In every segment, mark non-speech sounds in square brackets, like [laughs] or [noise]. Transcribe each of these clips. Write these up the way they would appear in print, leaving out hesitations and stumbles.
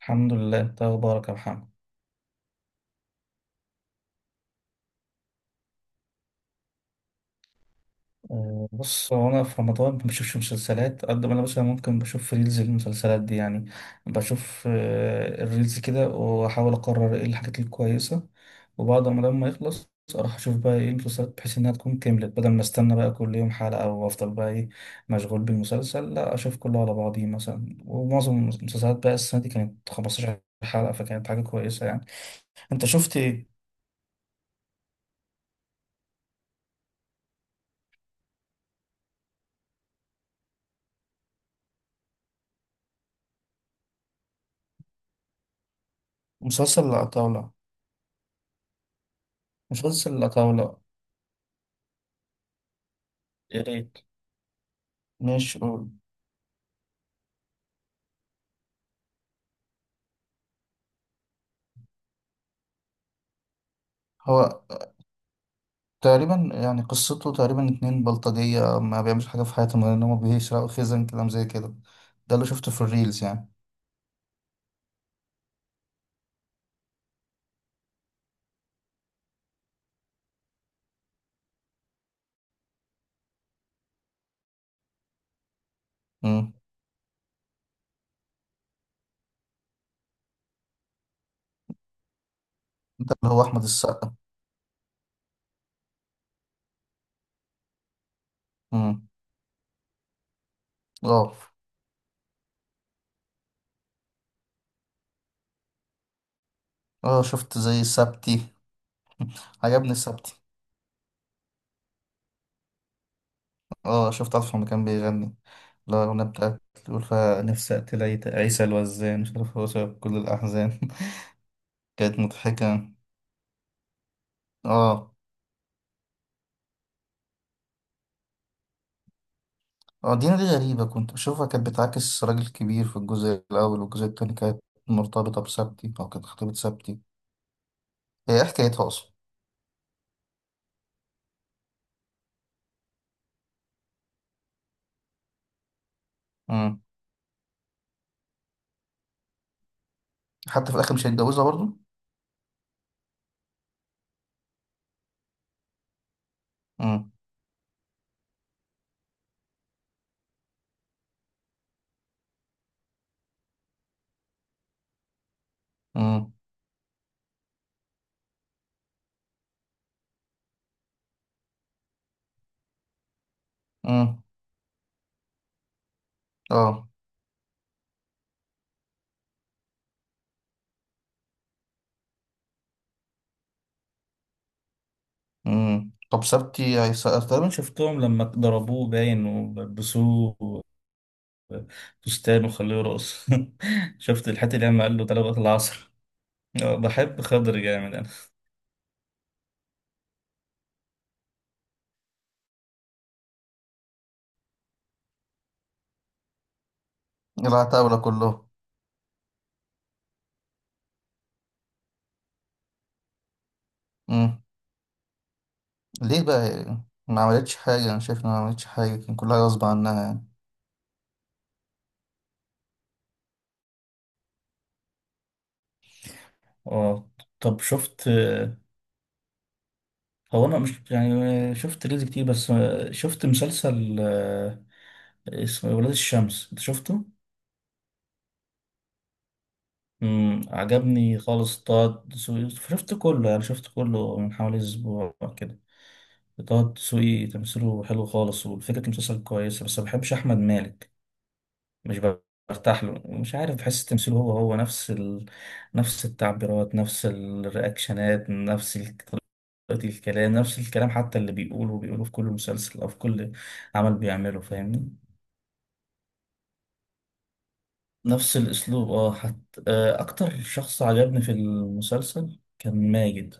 الحمد لله، انت اخبارك يا محمد؟ بص هو انا في رمضان ما بشوفش مسلسلات قد ما انا مثلا ممكن بشوف ريلز المسلسلات دي يعني. بشوف الريلز كده واحاول اقرر ايه الحاجات الكويسه، وبعد ما لما يخلص اروح اشوف بقى ايه المسلسلات بحيث انها تكون كملت، بدل ما استنى بقى كل يوم حلقه او افضل بقى ايه مشغول بالمسلسل، لا اشوف كله على بعضيه مثلا. ومعظم المسلسلات بقى السنه دي كانت 15 حلقه، فكانت حاجه كويسه يعني. انت شفت ايه؟ مسلسل لا طاوله. مسلسل لا طاوله. يا ريت، ماشي قول. هو تقريبا يعني قصته تقريبا اتنين بلطجية ما بيعملش حاجة في حياتهم غير إن هما بيسرقوا خزن، كلام زي كده. ده اللي شفته في الريلز يعني. مم. ده اللي هو أحمد السقا. مم. اه اه، شفت زي سبتي. عجبني سبتي. اه شفت، عارف لما كان بيغني؟ لا، الأغنية بتاعت، بيقول فيها نفسي أقتل عيسى الوزان، مش عارف هو سبب كل الأحزان. [laughs] كانت مضحكة. اه اه، دينا دي غريبة، كنت بشوفها كانت بتعاكس راجل كبير في الجزء الأول، والجزء التاني كانت مرتبطة بسبتي أو كانت خطيبة سبتي. هي إيه حكايتها أصلا؟ مم. حتى في الآخر مش هيتجوزها برضو؟ مم. مم. مم. اه. مم. طب سبتي هيسقف تقريبا؟ تقريبا شفتهم لما ضربوه باين ولبسوه فستان وخلوه رقص. [laughs] شفت الحته اللي لما قال له تعالى وقت العصر. [laughs] بحب خضر جامد انا. العتاولة كلهم. مم. ليه بقى؟ ما عملتش حاجة، أنا شايف إنها ما عملتش حاجة، كان كلها غصب عنها يعني. اه. طب شفت، هو انا مش يعني شفت ريلز كتير بس. شفت مسلسل اسمه إيه، ولاد الشمس، انت شفته؟ امم، عجبني خالص. طه دسوقي، شفت كله يعني شفت كله من حوالي اسبوع كده. طه دسوقي تمثيله حلو خالص وفكرة المسلسل كويسة، بس ما بحبش احمد مالك. مش برتاح له، مش عارف، بحس تمثيله هو نفس نفس التعبيرات، نفس الرياكشنات، نفس طريقة الكلام، نفس الكلام، حتى اللي بيقوله بيقوله في كل مسلسل أو في كل عمل بيعمله، فاهمني. نفس الأسلوب اه، حتى أكتر شخص عجبني في المسلسل كان ماجد.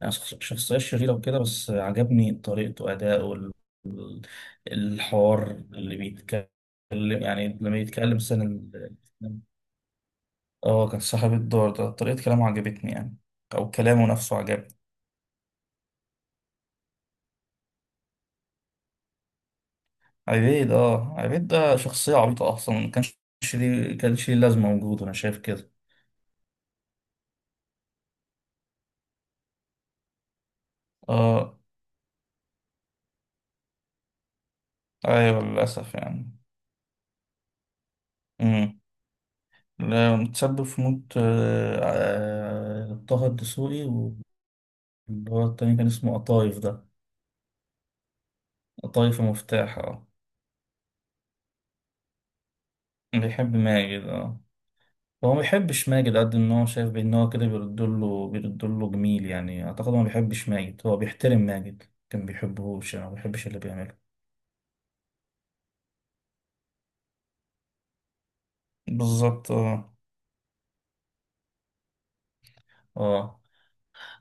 يعني شخصية شريرة وكده، بس عجبني طريقته، أداؤه ال- الحوار اللي بيتكلم. يعني لما يتكلم سنة، اه كان صاحب الدور ده، طريقة كلامه عجبتني يعني، أو كلامه نفسه عجبني. عبيد، اه عبيد ده شخصية عبيطة أصلا، ما كانش ليه، كانش ليه لازمة وجوده، أنا شايف كده. اه أيوة للأسف يعني. امم، لا، متسبب في موت طه الدسوقي واللي هو التاني كان اسمه قطايف ده. قطايف مفتاح اه. بيحب ماجد اه. هو ما بيحبش ماجد قد ان هو شايف بان هو كده بيرد له جميل، يعني اعتقد هو ما بيحبش ماجد، هو بيحترم ماجد. كان بيحبهوش يعني ما بيحبش اللي بيعمله. بالظبط اه. اه،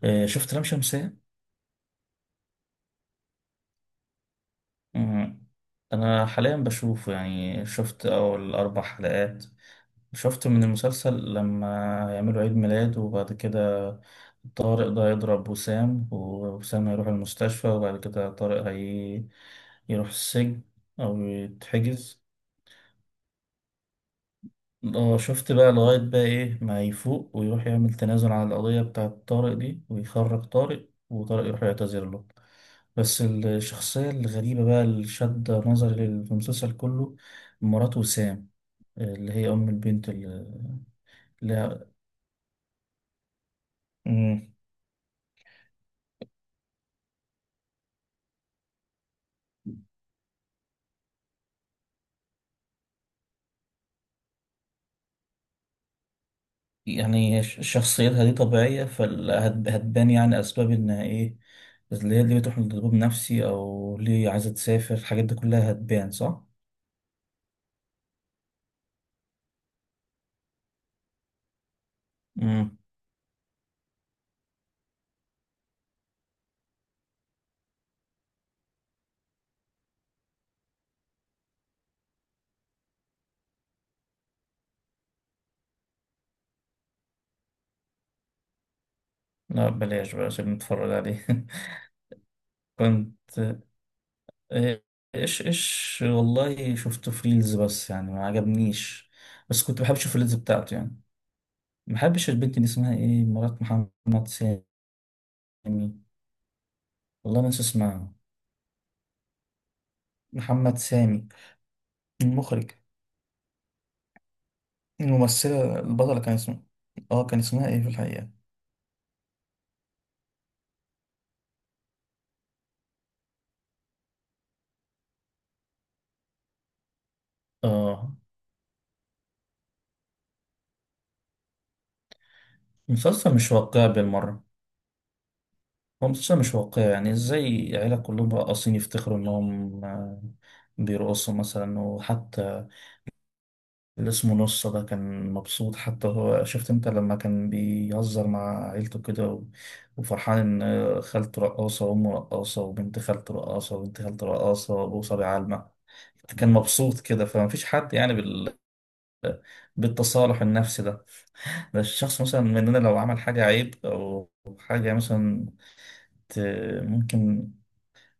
شفت لام شمسية؟ مم. انا حاليا بشوفه يعني شفت اول اربع حلقات. شفت من المسلسل لما يعملوا عيد ميلاد وبعد كده طارق ده يضرب وسام، ووسام هيروح المستشفى، وبعد كده طارق هي يروح السجن او يتحجز. اه شفت بقى لغاية بقى ايه ما يفوق ويروح يعمل تنازل على القضية بتاعة طارق دي، ويخرج طارق، وطارق يروح يعتذر له. بس الشخصية الغريبة بقى اللي شد نظري في المسلسل كله، مرات وسام، اللي هي أم البنت اللي- مم. يعني شخصيتها دي طبيعية، فهتبان يعني أسباب إنها إيه، اللي هي اللي بتروح لدكتور نفسي أو ليه عايزة تسافر، الحاجات دي كلها هتبان صح؟ مم. لا بلاش بقى عشان نتفرج عليه. [laughs] كنت آه، ايش ايش، والله شفته في ريلز بس، يعني ما عجبنيش. بس كنت بحب اشوف الريلز بتاعته يعني. ما بحبش البنت دي، اسمها ايه، مرات محمد سامي. والله ناسي اسمها. محمد سامي المخرج. الممثلة البطلة كان اسمها، اه كان اسمها ايه في الحقيقة. اه. مسلسل مش واقعي بالمرة. هو مسلسل مش واقعي، يعني ازاي عيلة كلهم راقصين يفتخروا انهم بيرقصوا مثلا؟ وحتى اللي اسمه نصة ده كان مبسوط، حتى هو شفت انت لما كان بيهزر مع عيلته كده وفرحان ان خالته رقاصة وامه رقاصة وبنت خالته رقاصة وبنت خالته رقاصة وابوه صبي علمة. كان مبسوط كده، فمفيش حد يعني بالتصالح النفسي ده. ده الشخص مثلا مننا لو عمل حاجة عيب أو حاجة مثلا ت... ممكن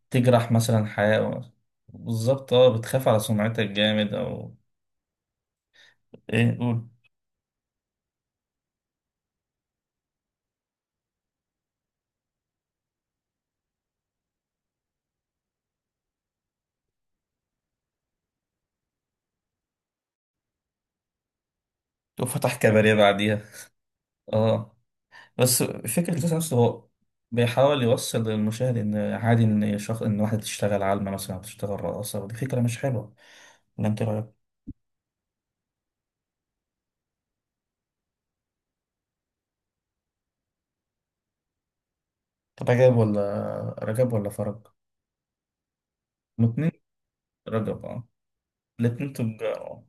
تجرح مثلا حياة. بالظبط اه، بتخاف على سمعتك جامد أو إيه، قول. وفتح كباريه بعديها اه. بس فكرة الفيلم نفسه هو بيحاول يوصل للمشاهد إن عادي إن شخص إن واحدة تشتغل عالمة مثلا أو تشتغل رقاصة، ودي فكرة مش حلوة، ولا أنت إيه رأيك؟ طب رجب ولا فرج؟ الاتنين. رجب أه. الاتنين تجار.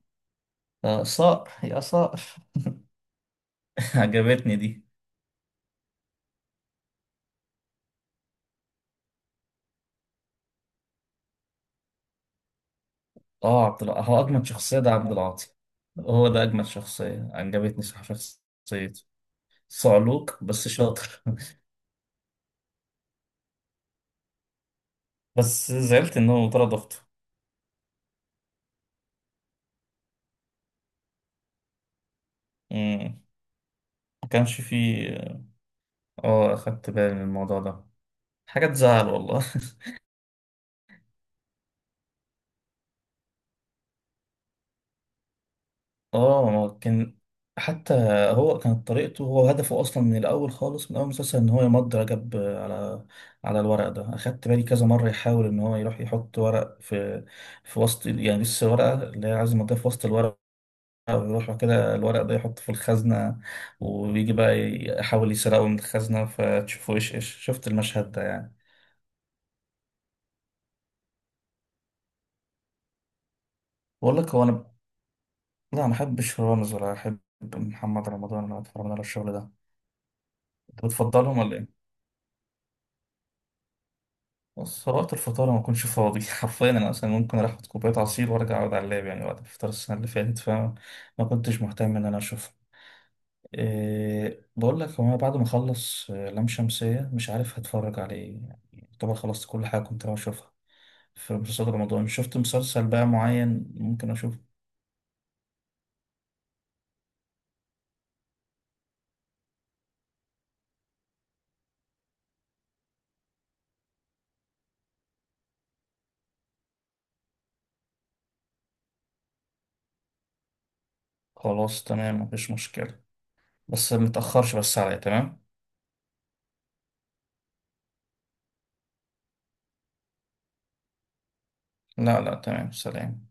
صقر يا صقر. [laughs] عجبتني دي. أه هو أجمد شخصية ده عبد العاطي. هو ده أجمد شخصية عجبتني صح، شخصيته صعلوك بس شاطر. [laughs] بس زعلت إنه طرد أخته. مم. ما كانش فيه، اه اخدت بالي من الموضوع ده، حاجة تزعل والله. [laughs] اه كان، حتى هو كانت طريقته، هو هدفه اصلا من الاول خالص من اول مسلسل ان هو يمضي رجب على الورق ده. اخدت بالي كذا مرة يحاول ان هو يروح يحط ورق في وسط، يعني لسه ورقة اللي هي عايز يمضيها في وسط الورق، ويروح كده الورق ده يحطه في الخزنة، ويجي بقى يحاول يسرقه من الخزنة، فتشوفه ايش ايش، شفت المشهد ده يعني. بقول لك هو انا، لا ما احبش رامز، ولا احب محمد رمضان، ولا اتفرج على الشغل ده. انت بتفضلهم ولا ايه؟ بص، هو وقت الفطار ما اكونش فاضي. [laughs] حرفيا انا مثلا ممكن اروح اخد كوبايه عصير وارجع اقعد على اللاب، يعني وقت الفطار السنه اللي فاتت فما كنتش مهتم ان انا اشوفه. إيه بقول لك، هو انا بعد ما اخلص لام شمسيه مش عارف هتفرج على ايه، يعني طبعا خلصت كل حاجه كنت ناوي اشوفها في مسلسل رمضان، شفت مسلسل بقى معين ممكن اشوفه. خلاص تمام مفيش مشكله، بس متأخرش بس عليا تمام. لا لا تمام، سلام.